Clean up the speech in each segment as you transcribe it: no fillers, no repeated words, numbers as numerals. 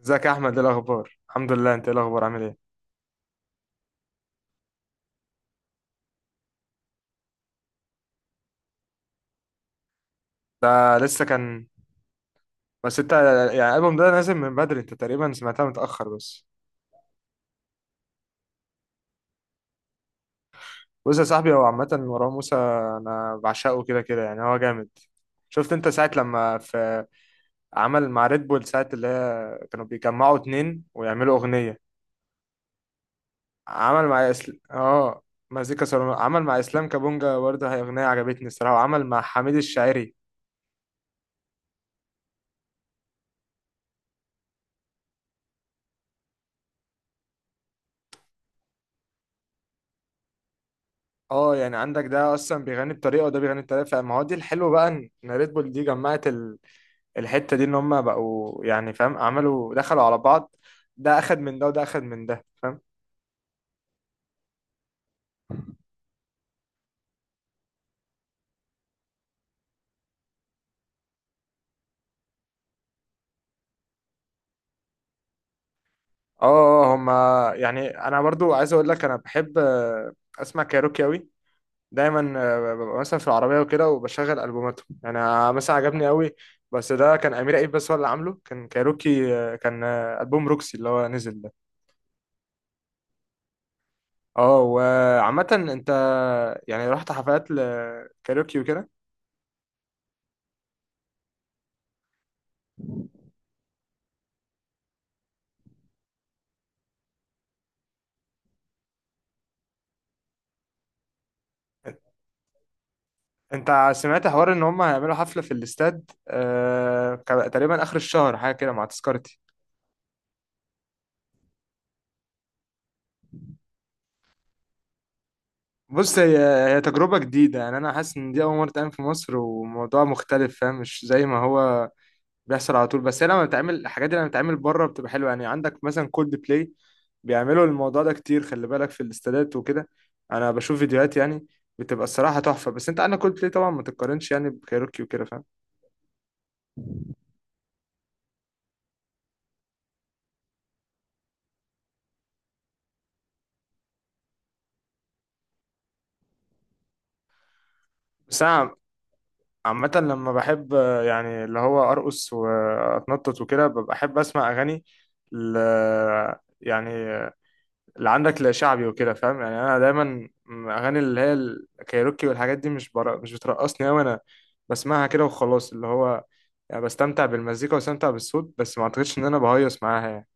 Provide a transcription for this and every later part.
ازيك يا احمد؟ ايه الاخبار؟ الحمد لله، انت ايه الاخبار؟ عامل ايه؟ ده لسه كان. بس انت، يعني الالبوم ده نازل من بدري، انت تقريبا سمعتها متاخر بس. بص يا صاحبي، هو عامه مروان موسى انا بعشقه كده كده، يعني هو جامد. شفت انت ساعه لما في عمل مع ريد بول، ساعه اللي هي كانوا بيجمعوا اتنين ويعملوا اغنيه. عمل مع اسل... اه مزيكا سولو، عمل مع اسلام كابونجا برضه، هي اغنيه عجبتني الصراحه، وعمل مع حميد الشاعري. اه يعني عندك ده اصلا بيغني بطريقه وده بيغني بطريقه، فما هو دي الحلو بقى إن ريد بول دي جمعت الحته دي، ان هم بقوا يعني فاهم، عملوا دخلوا على بعض، ده اخد من ده وده اخد من ده فاهم. اه. آه، آه، هم يعني انا برضو عايز اقول لك انا بحب اسمع كايروكي اوي، دايما ببقى مثلا في العربيه وكده وبشغل البوماتهم، انا مثلا عجبني قوي، بس ده كان امير عيد بس هو اللي عامله، كان كايروكي كان البوم روكسي اللي هو نزل ده. اه وعامة انت يعني رحت حفلات لكاريوكي وكده. انت سمعت حوار ان هم هيعملوا حفلة في الاستاد تقريبا اخر الشهر، حاجة كده مع تذكرتي؟ بص. هي تجربة جديدة، يعني انا حاسس ان دي اول مرة تعمل في مصر، وموضوع مختلف فاهم، مش زي ما هو بيحصل على طول، بس هي لما بتعمل الحاجات دي، لما بتتعمل بره بتبقى حلوه، يعني عندك مثلا كولد بلاي بيعملوا الموضوع ده كتير، خلي بالك في الاستادات وكده، انا بشوف فيديوهات يعني بتبقى الصراحه تحفه، بس انت عندك كولد بلاي طبعا ما تتقارنش يعني بكايروكي وكده فاهم. بس انا عامه لما بحب يعني اللي هو ارقص واتنطط وكده ببقى احب اسمع اغاني ل... يعني اللي عندك لا شعبي وكده فاهم، يعني انا دايما اغاني اللي هي الكايروكي والحاجات دي مش برا، مش بترقصني قوي انا، بسمعها كده وخلاص، اللي هو يعني بستمتع بالمزيكا وبستمتع بالصوت، بس ما اعتقدش ان انا بهيص معاها يعني.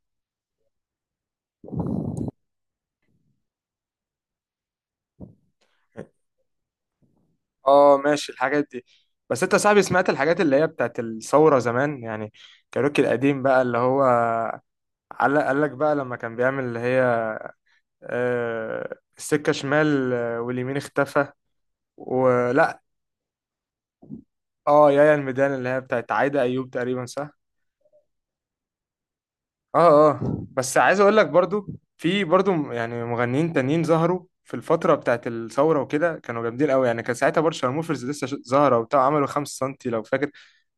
اه ماشي الحاجات دي. بس انت يا صاحبي سمعت الحاجات اللي هي بتاعت الثورة زمان يعني، كايروكي القديم بقى اللي هو قال لك بقى لما كان بيعمل اللي هي السكة شمال واليمين اختفى ولا؟ اه، يا الميدان اللي هي بتاعت عايدة ايوب تقريبا، صح؟ اه اه. بس عايز اقول لك برضو، في برضو يعني مغنيين تانيين ظهروا في الفترة بتاعت الثورة وكده كانوا جامدين قوي، يعني كان ساعتها برضه شارموفرز لسه ظاهرة وبتاع، عملوا خمسة سنتي لو فاكر،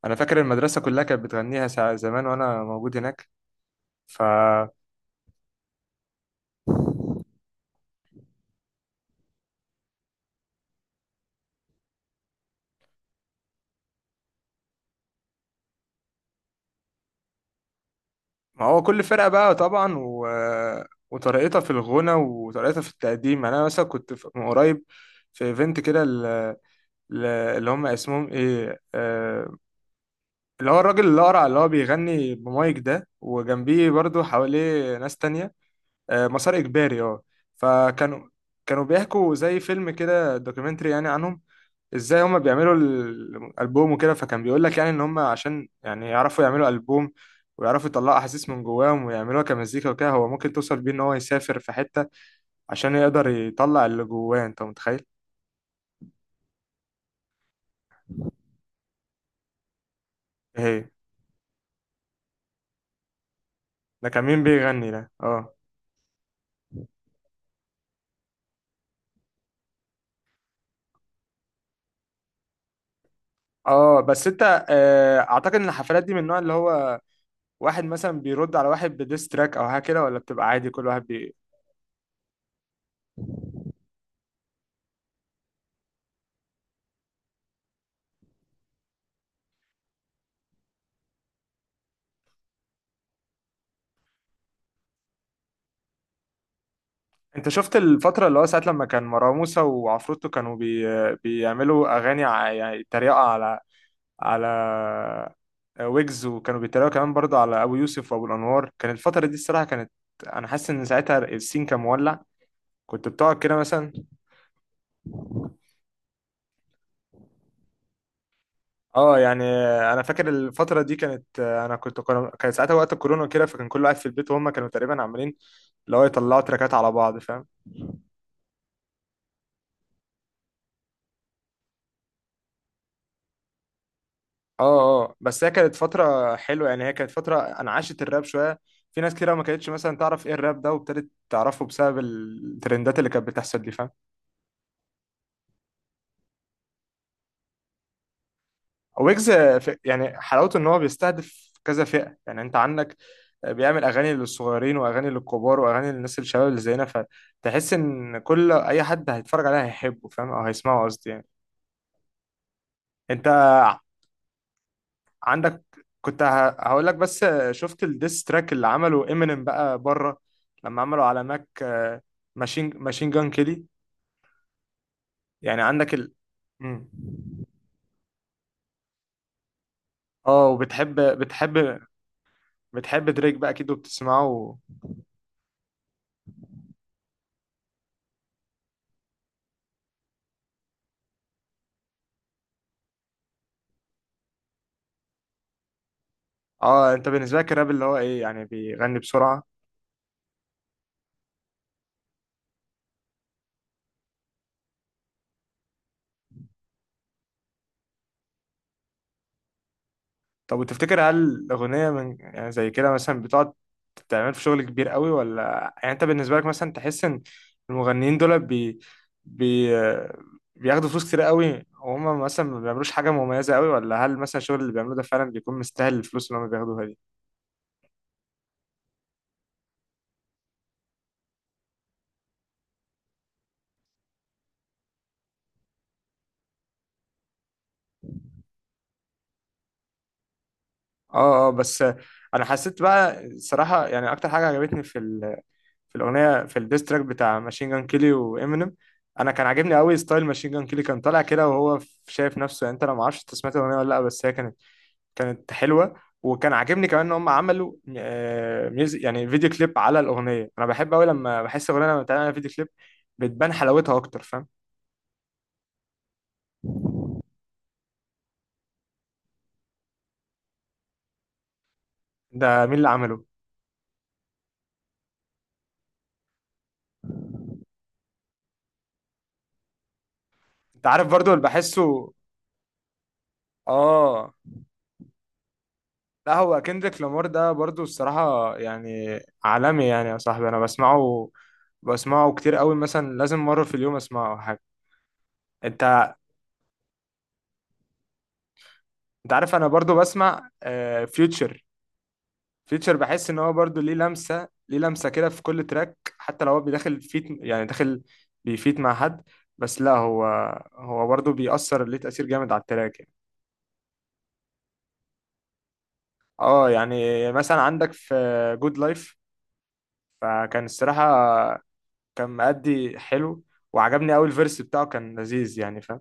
انا فاكر المدرسة كلها كانت بتغنيها ساعة زمان وانا موجود هناك. ف ما هو كل فرقة بقى طبعا وطريقتها في الغنى وطريقتها في التقديم، يعني انا مثلا كنت من قريب في ايفنت كده اللي هم اسمهم ايه اللي هو الراجل الأقرع اللي هو بيغني بمايك ده وجنبيه برضو حواليه ناس تانية، مسار إجباري، اه. فكانوا بيحكوا زي فيلم كده دوكيومنتري يعني عنهم، ازاي هما بيعملوا الألبوم وكده، فكان بيقول لك يعني ان هما عشان يعني يعرفوا يعملوا ألبوم ويعرفوا يطلعوا احاسيس من جواهم ويعملوها كمزيكا وكده، هو ممكن توصل بيه ان هو يسافر في حتة عشان يقدر يطلع اللي جواه، انت متخيل؟ إيه هي؟ ده كان مين بيغني ده؟ اه. اه بس انت اعتقد ان الحفلات دي من النوع اللي هو واحد مثلا بيرد على واحد بديس تراك او حاجه كده، ولا بتبقى عادي كل واحد انت شفت الفتره اللي هو ساعه لما كان مروان موسى وعفروتو كانوا بيعملوا اغاني يعني تريقه على ويجز، وكانوا بيتريقوا كمان برضه على ابو يوسف وابو الانوار، كان الفتره دي الصراحه كانت، انا حاسس ان ساعتها السين كان مولع، كنت بتقعد كده مثلا. اه يعني انا فاكر الفتره دي كانت انا كنت، كان ساعتها وقت الكورونا كده، فكان كل واحد في البيت وهم كانوا تقريبا عاملين اللي هو يطلعوا تراكات على بعض فاهم. اه اه بس هي كانت فترة حلوة، يعني هي كانت فترة انعاشت الراب شوية، في ناس كتير ما كانتش مثلا تعرف ايه الراب ده وابتدت تعرفه بسبب الترندات اللي كانت بتحصل دي فاهم. ويجز يعني حلاوته ان هو بيستهدف كذا فئة، يعني انت عندك بيعمل اغاني للصغيرين واغاني للكبار واغاني للناس الشباب اللي زينا، فتحس ان كل اي حد هيتفرج عليها هيحبه فاهم، او هيسمعه قصدي يعني. انت عندك كنت هقول لك بس، شفت الديس تراك اللي عمله امينيم بقى بره لما عملوا على ماك ماشين جان كيلي؟ يعني عندك ال مم. اه وبتحب بتحب دريك بقى اكيد وبتسمعه؟ اه، انت بالنسبه لك الراب اللي هو ايه، يعني بيغني بسرعه؟ طب وتفتكر هل الأغنية من يعني زي كده مثلا بتقعد تعمل في شغل كبير قوي، ولا يعني أنت بالنسبة لك مثلا تحس إن المغنيين دول بي... بياخدوا فلوس كتير قوي وهم مثلا ما بيعملوش حاجة مميزة قوي، ولا هل مثلا الشغل اللي بيعملوه ده فعلا بيكون مستاهل الفلوس اللي هم بياخدوها دي؟ اه اه بس أنا حسيت بقى الصراحة، يعني أكتر حاجة عجبتني في في الأغنية، في الديستراك بتاع ماشين جان كيلي وإمينيم، انا كان عاجبني قوي ستايل ماشين جان كيلي، كان طالع كده وهو شايف نفسه، يعني انت انا ما اعرفش انت سمعت الاغنيه ولا لا، بس هي كانت حلوه، وكان عاجبني كمان ان هم عملوا ميوزك يعني فيديو كليب على الاغنيه، انا بحب قوي لما بحس اغنيه لما بتعمل عليها فيديو كليب بتبان حلاوتها اكتر فاهم. ده مين اللي عمله؟ انت عارف برضو اللي بحسه، اه. لا هو كندريك لامار ده برضو الصراحه يعني عالمي، يعني يا صاحبي انا بسمعه، بسمعه كتير قوي مثلا لازم مره في اليوم اسمعه أو حاجه. انت انت عارف انا برضو بسمع فيوتشر، فيوتشر بحس ان هو برضو ليه لمسه ليه لمسه كده في كل تراك، حتى لو هو بيدخل فيت يعني داخل بيفيت مع حد، بس لا هو، هو برضو بيأثر ليه تأثير جامد على التراك يعني. اه يعني مثلا عندك في جود لايف، فكان الصراحه كان مأدي حلو، وعجبني قوي الفيرس بتاعه كان لذيذ يعني فاهم.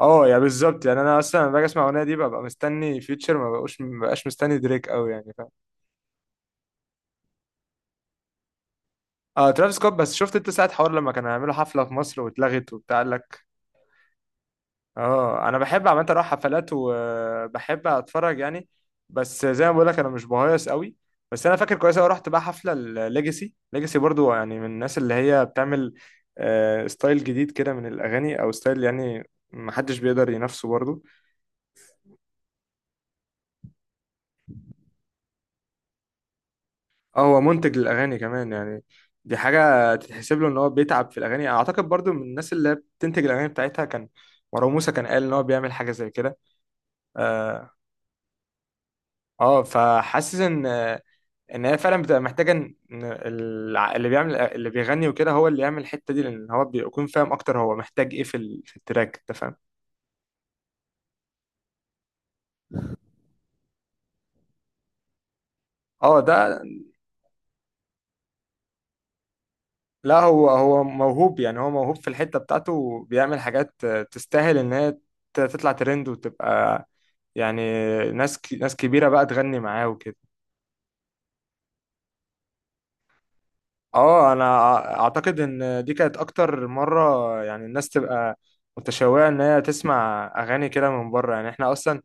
اه يعني بالظبط، يعني انا اصلا لما باجي اسمع الاغنيه دي ببقى مستني فيوتشر، ما بقاش مستني دريك قوي يعني فاهم. اه ترافيس سكوت، بس شفت انت ساعه حوار لما كانوا هيعملوا حفله في مصر واتلغت وبتاع، قال لك؟ اه. انا بحب عامه اروح حفلات وبحب اتفرج يعني، بس زي ما بقول لك انا مش بهيص قوي، بس انا فاكر كويس قوي رحت بقى حفله الليجاسي، ليجاسي برضو يعني من الناس اللي هي بتعمل ستايل جديد كده من الاغاني، او ستايل يعني محدش بيقدر ينافسه برضو. اه هو منتج للاغاني كمان يعني، دي حاجه تتحسب له ان هو بيتعب في الاغاني، اعتقد برضو من الناس اللي هي بتنتج الاغاني بتاعتها، كان مروان موسى كان قال ان هو بيعمل حاجه زي كده. اه فحاسس ان ان هي فعلا بتبقى محتاجه ان إن اللي بيعمل اللي بيغني وكده هو اللي يعمل الحته دي، لان هو بيكون فاهم اكتر هو محتاج ايه في في التراك انت فاهم. اه ده. لا هو هو موهوب، يعني هو موهوب في الحته بتاعته وبيعمل حاجات تستاهل ان هي تطلع ترند وتبقى يعني ناس كبيره بقى تغني معاه وكده. اه انا اعتقد ان دي كانت اكتر مره يعني الناس تبقى متشوقه ان هي تسمع اغاني كده من بره يعني، احنا اصلا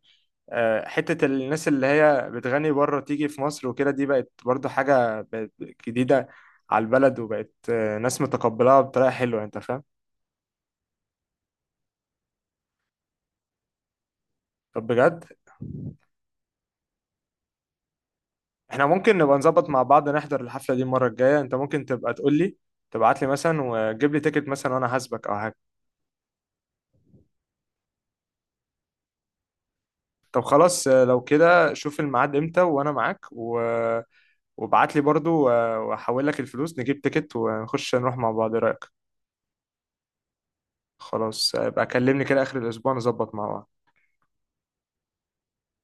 حتة الناس اللي هي بتغني بره تيجي في مصر وكده دي بقت برضو حاجة، بقت جديدة على البلد، وبقت ناس متقبلها بطريقة حلوة انت فاهم. طب بجد، احنا ممكن نبقى نظبط مع بعض نحضر الحفلة دي المرة الجاية، انت ممكن تبقى تقول لي، تبعت لي مثلا وجيب لي تيكت مثلا وانا هسبك او حاجة. طب خلاص لو كده شوف الميعاد امتى وانا معاك وابعت لي برضو واحول لك الفلوس، نجيب تيكت ونخش نروح مع بعض، ايه رأيك؟ خلاص يبقى كلمني كده اخر الاسبوع نظبط مع بعض.